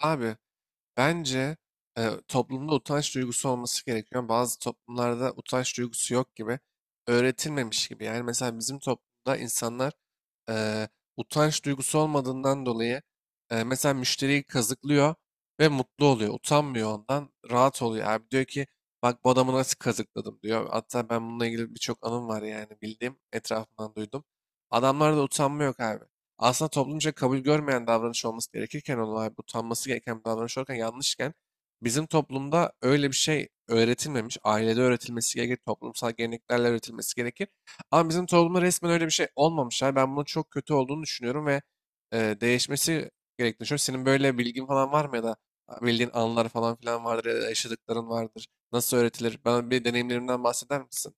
Abi bence toplumda utanç duygusu olması gerekiyor. Bazı toplumlarda utanç duygusu yok gibi, öğretilmemiş gibi. Yani mesela bizim toplumda insanlar e, utanç duygusu olmadığından dolayı mesela müşteriyi kazıklıyor ve mutlu oluyor. Utanmıyor ondan, rahat oluyor. Abi diyor ki bak bu adamı nasıl kazıkladım diyor. Hatta ben bununla ilgili birçok anım var yani bildiğim, etrafımdan duydum. Adamlarda utanma yok abi. Aslında toplumca kabul görmeyen davranış olması gerekirken olay bu utanması gereken bir davranış olurken yanlışken bizim toplumda öyle bir şey öğretilmemiş. Ailede öğretilmesi gerekir, toplumsal geleneklerle öğretilmesi gerekir. Ama bizim toplumda resmen öyle bir şey olmamış. Yani ben bunun çok kötü olduğunu düşünüyorum ve değişmesi gerektiğini düşünüyorum. Senin böyle bilgin falan var mı ya da bildiğin anılar falan filan vardır ya da yaşadıkların vardır. Nasıl öğretilir? Bana bir deneyimlerinden bahseder misin?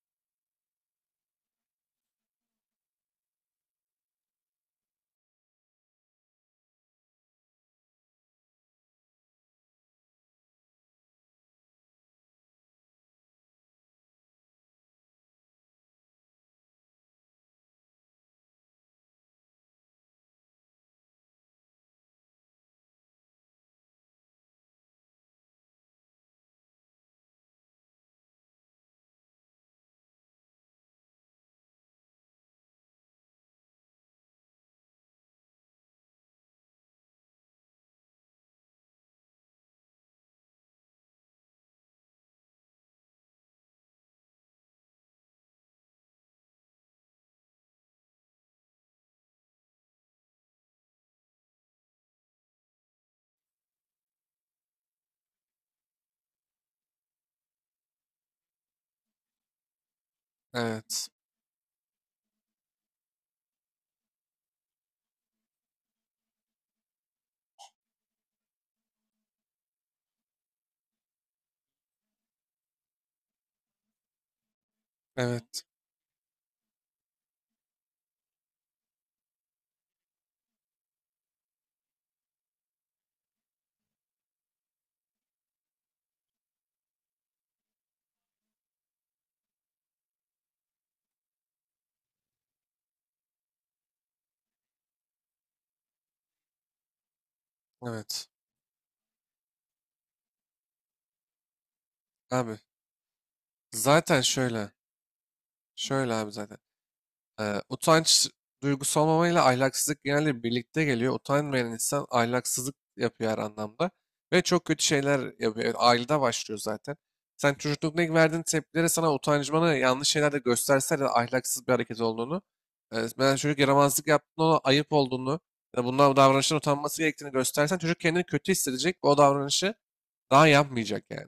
Evet, evet, evet. Abi zaten şöyle, şöyle abi zaten. Utanç duygusu olmamayla ahlaksızlık genelde birlikte geliyor. Utanmayan insan ahlaksızlık yapıyor her anlamda. Ve çok kötü şeyler yapıyor. Yani ailede başlıyor zaten. Sen çocuklukta ilk verdiğin tepkilere sana utancmanı yanlış şeyler de gösterse de ahlaksız bir hareket olduğunu, ben çocuk yaramazlık yaptığında ona ayıp olduğunu, ya da bundan davranıştan utanması gerektiğini göstersen çocuk kendini kötü hissedecek ve o davranışı daha yapmayacak yani.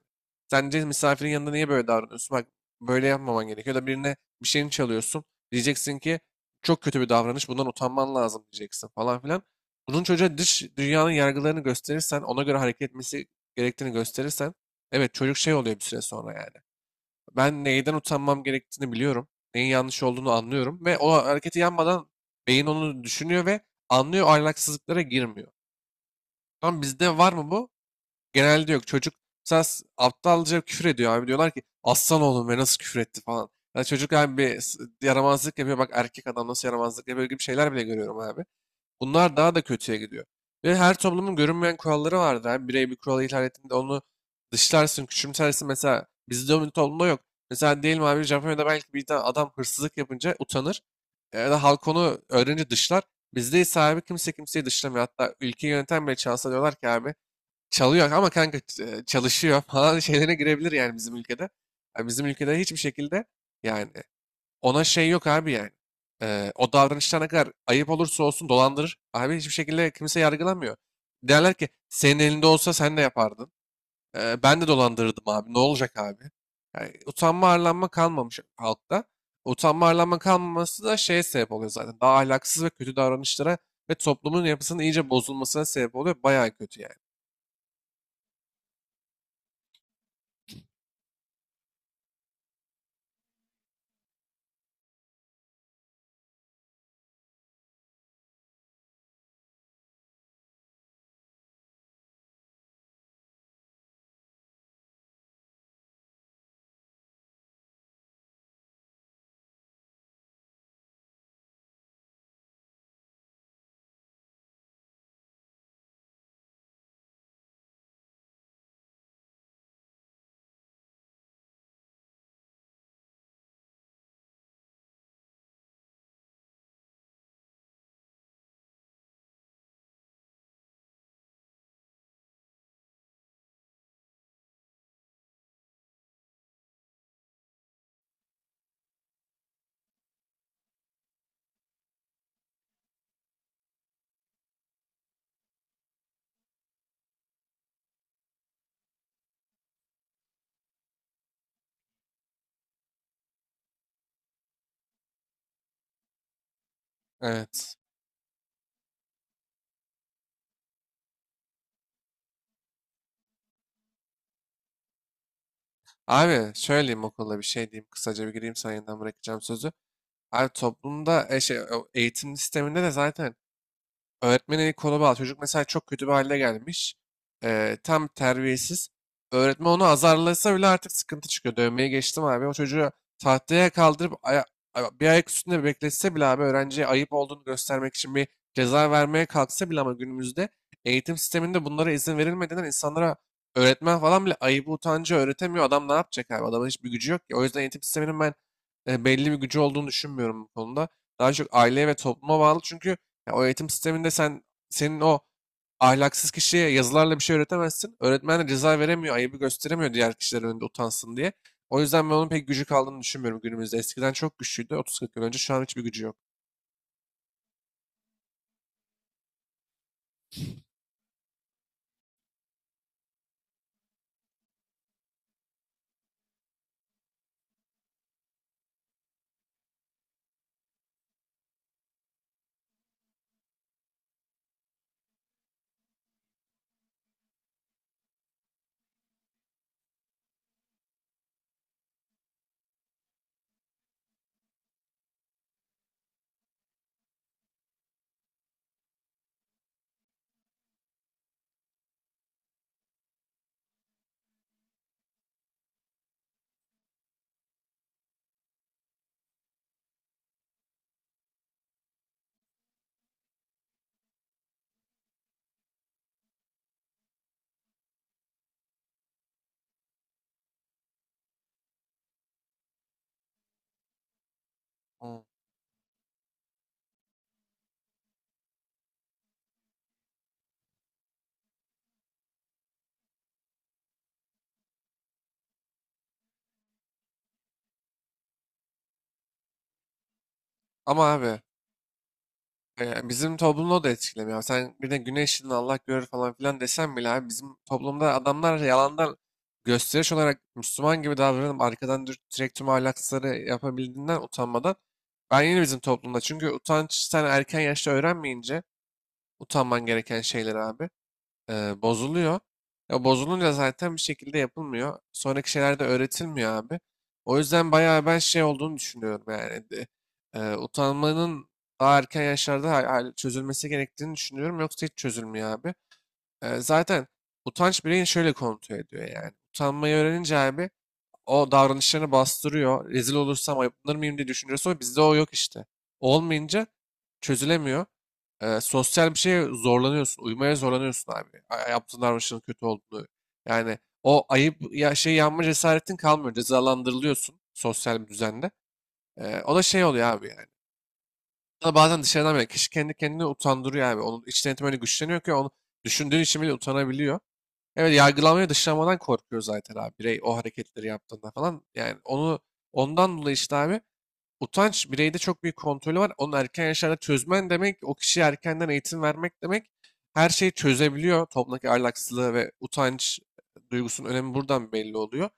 Sence misafirin yanında niye böyle davranıyorsun? Bak böyle yapmaman gerekiyor. Ya da birine bir şeyini çalıyorsun. Diyeceksin ki çok kötü bir davranış. Bundan utanman lazım diyeceksin falan filan. Bunun çocuğa dış dünyanın yargılarını gösterirsen, ona göre hareket etmesi gerektiğini gösterirsen, evet çocuk şey oluyor bir süre sonra yani. Ben neyden utanmam gerektiğini biliyorum. Neyin yanlış olduğunu anlıyorum ve o hareketi yapmadan beyin onu düşünüyor ve anlıyor, ahlaksızlıklara girmiyor. Tamam, bizde var mı bu? Genelde yok. Çocuk mesela aptalca küfür ediyor abi. Diyorlar ki aslan oğlum ve nasıl küfür etti falan. Ya çocuk abi bir yaramazlık yapıyor. Bak erkek adam nasıl yaramazlık yapıyor gibi şeyler bile görüyorum abi. Bunlar daha da kötüye gidiyor. Ve her toplumun görünmeyen kuralları vardır abi. Birey bir kuralı ihlal ettiğinde onu dışlarsın, küçümsersin. Mesela bizde o toplumda yok. Mesela diyelim abi Japonya'da belki bir tane adam hırsızlık yapınca utanır. Ya da halk onu öğrenince dışlar. Bizde ise abi kimse kimseyi dışlamıyor. Hatta ülkeyi yöneten bile çalsa diyorlar ki abi çalıyor ama kanka çalışıyor falan şeylerine girebilir yani bizim ülkede. Yani bizim ülkede hiçbir şekilde, yani ona şey yok abi yani. O davranışlar ne kadar ayıp olursa olsun dolandırır. Abi hiçbir şekilde kimse yargılamıyor. Derler ki senin elinde olsa sen de yapardın. Ben de dolandırırdım abi. Ne olacak abi? Yani utanma arlanma kalmamış halkta. Utanma arlanma kalmaması da şeye sebep oluyor zaten. Daha ahlaksız ve kötü davranışlara ve toplumun yapısının iyice bozulmasına sebep oluyor. Bayağı kötü yani. Evet. Abi söyleyeyim, okulda bir şey diyeyim. Kısaca bir gireyim, sana yeniden bırakacağım sözü. Abi toplumda o eğitim sisteminde de zaten öğretmenin eli kolu bağlı. Çocuk mesela çok kötü bir hale gelmiş. Tam terbiyesiz. Öğretmen onu azarlasa bile artık sıkıntı çıkıyor. Dövmeyi geçtim abi. O çocuğu tahtaya kaldırıp bir ayak üstünde bekletse bile abi öğrenciye ayıp olduğunu göstermek için bir ceza vermeye kalksa bile ama günümüzde eğitim sisteminde bunlara izin verilmediğinden insanlara öğretmen falan bile ayıbı utancı öğretemiyor. Adam ne yapacak abi? Adamın hiçbir gücü yok ki. O yüzden eğitim sisteminin ben belli bir gücü olduğunu düşünmüyorum bu konuda. Daha çok aileye ve topluma bağlı. Çünkü ya o eğitim sisteminde senin o ahlaksız kişiye yazılarla bir şey öğretemezsin. Öğretmen de ceza veremiyor, ayıbı gösteremiyor diğer kişiler önünde utansın diye. O yüzden ben onun pek gücü kaldığını düşünmüyorum günümüzde. Eskiden çok güçlüydü. 30-40 yıl önce şu an hiçbir gücü yok. Hmm. Ama abi, bizim toplumu da etkilemiyor. Sen bir de güneşin Allah görür falan filan desen bile abi bizim toplumda adamlar yalandan gösteriş olarak Müslüman gibi davranıp arkadan direkt tüm ahlaksızları yapabildiğinden utanmadan ben yine bizim toplumda çünkü utanç sen erken yaşta öğrenmeyince utanman gereken şeyler abi bozuluyor. Ya bozulunca zaten bir şekilde yapılmıyor. Sonraki şeyler de öğretilmiyor abi. O yüzden bayağı ben şey olduğunu düşünüyorum yani. Utanmanın daha erken yaşlarda çözülmesi gerektiğini düşünüyorum. Yoksa hiç çözülmüyor abi. Zaten utanç bireyin şöyle kontrol ediyor yani. Utanmayı öğrenince abi o davranışlarını bastırıyor. Rezil olursam ayıplanır mıyım diye düşünüyorsa bizde o yok işte. Olmayınca çözülemiyor. Sosyal bir şeye zorlanıyorsun. Uymaya zorlanıyorsun abi. Yaptığın davranışın kötü olduğunu. Yani o ayıp ya şey yanma cesaretin kalmıyor. Cezalandırılıyorsun sosyal bir düzende. O da şey oluyor abi yani. Sana bazen dışarıdan bile kişi kendi kendini utandırıyor abi. Onun iç denetimi öyle güçleniyor ki onu düşündüğün için bile utanabiliyor. Evet, yargılanmaya dışlanmadan korkuyor zaten abi birey o hareketleri yaptığında falan. Yani ondan dolayı işte abi utanç bireyde çok büyük kontrolü var. Onu erken yaşlarda çözmen demek o kişiye erkenden eğitim vermek demek. Her şeyi çözebiliyor. Toplumdaki ahlaksızlığı ve utanç duygusunun önemi buradan belli oluyor.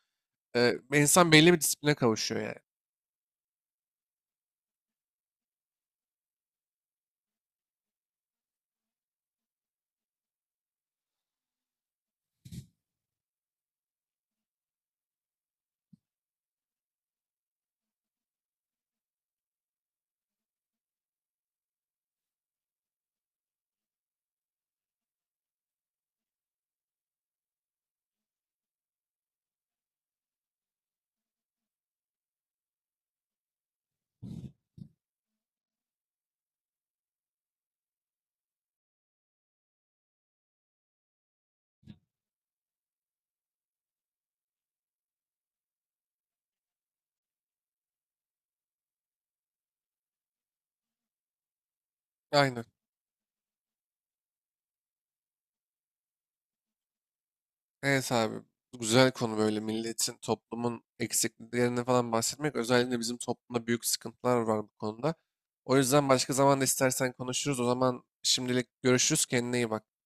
İnsan belli bir disipline kavuşuyor yani. Aynen. Evet abi. Güzel konu böyle milletin, toplumun eksikliklerini falan bahsetmek. Özellikle bizim toplumda büyük sıkıntılar var bu konuda. O yüzden başka zaman da istersen konuşuruz. O zaman şimdilik görüşürüz. Kendine iyi bak.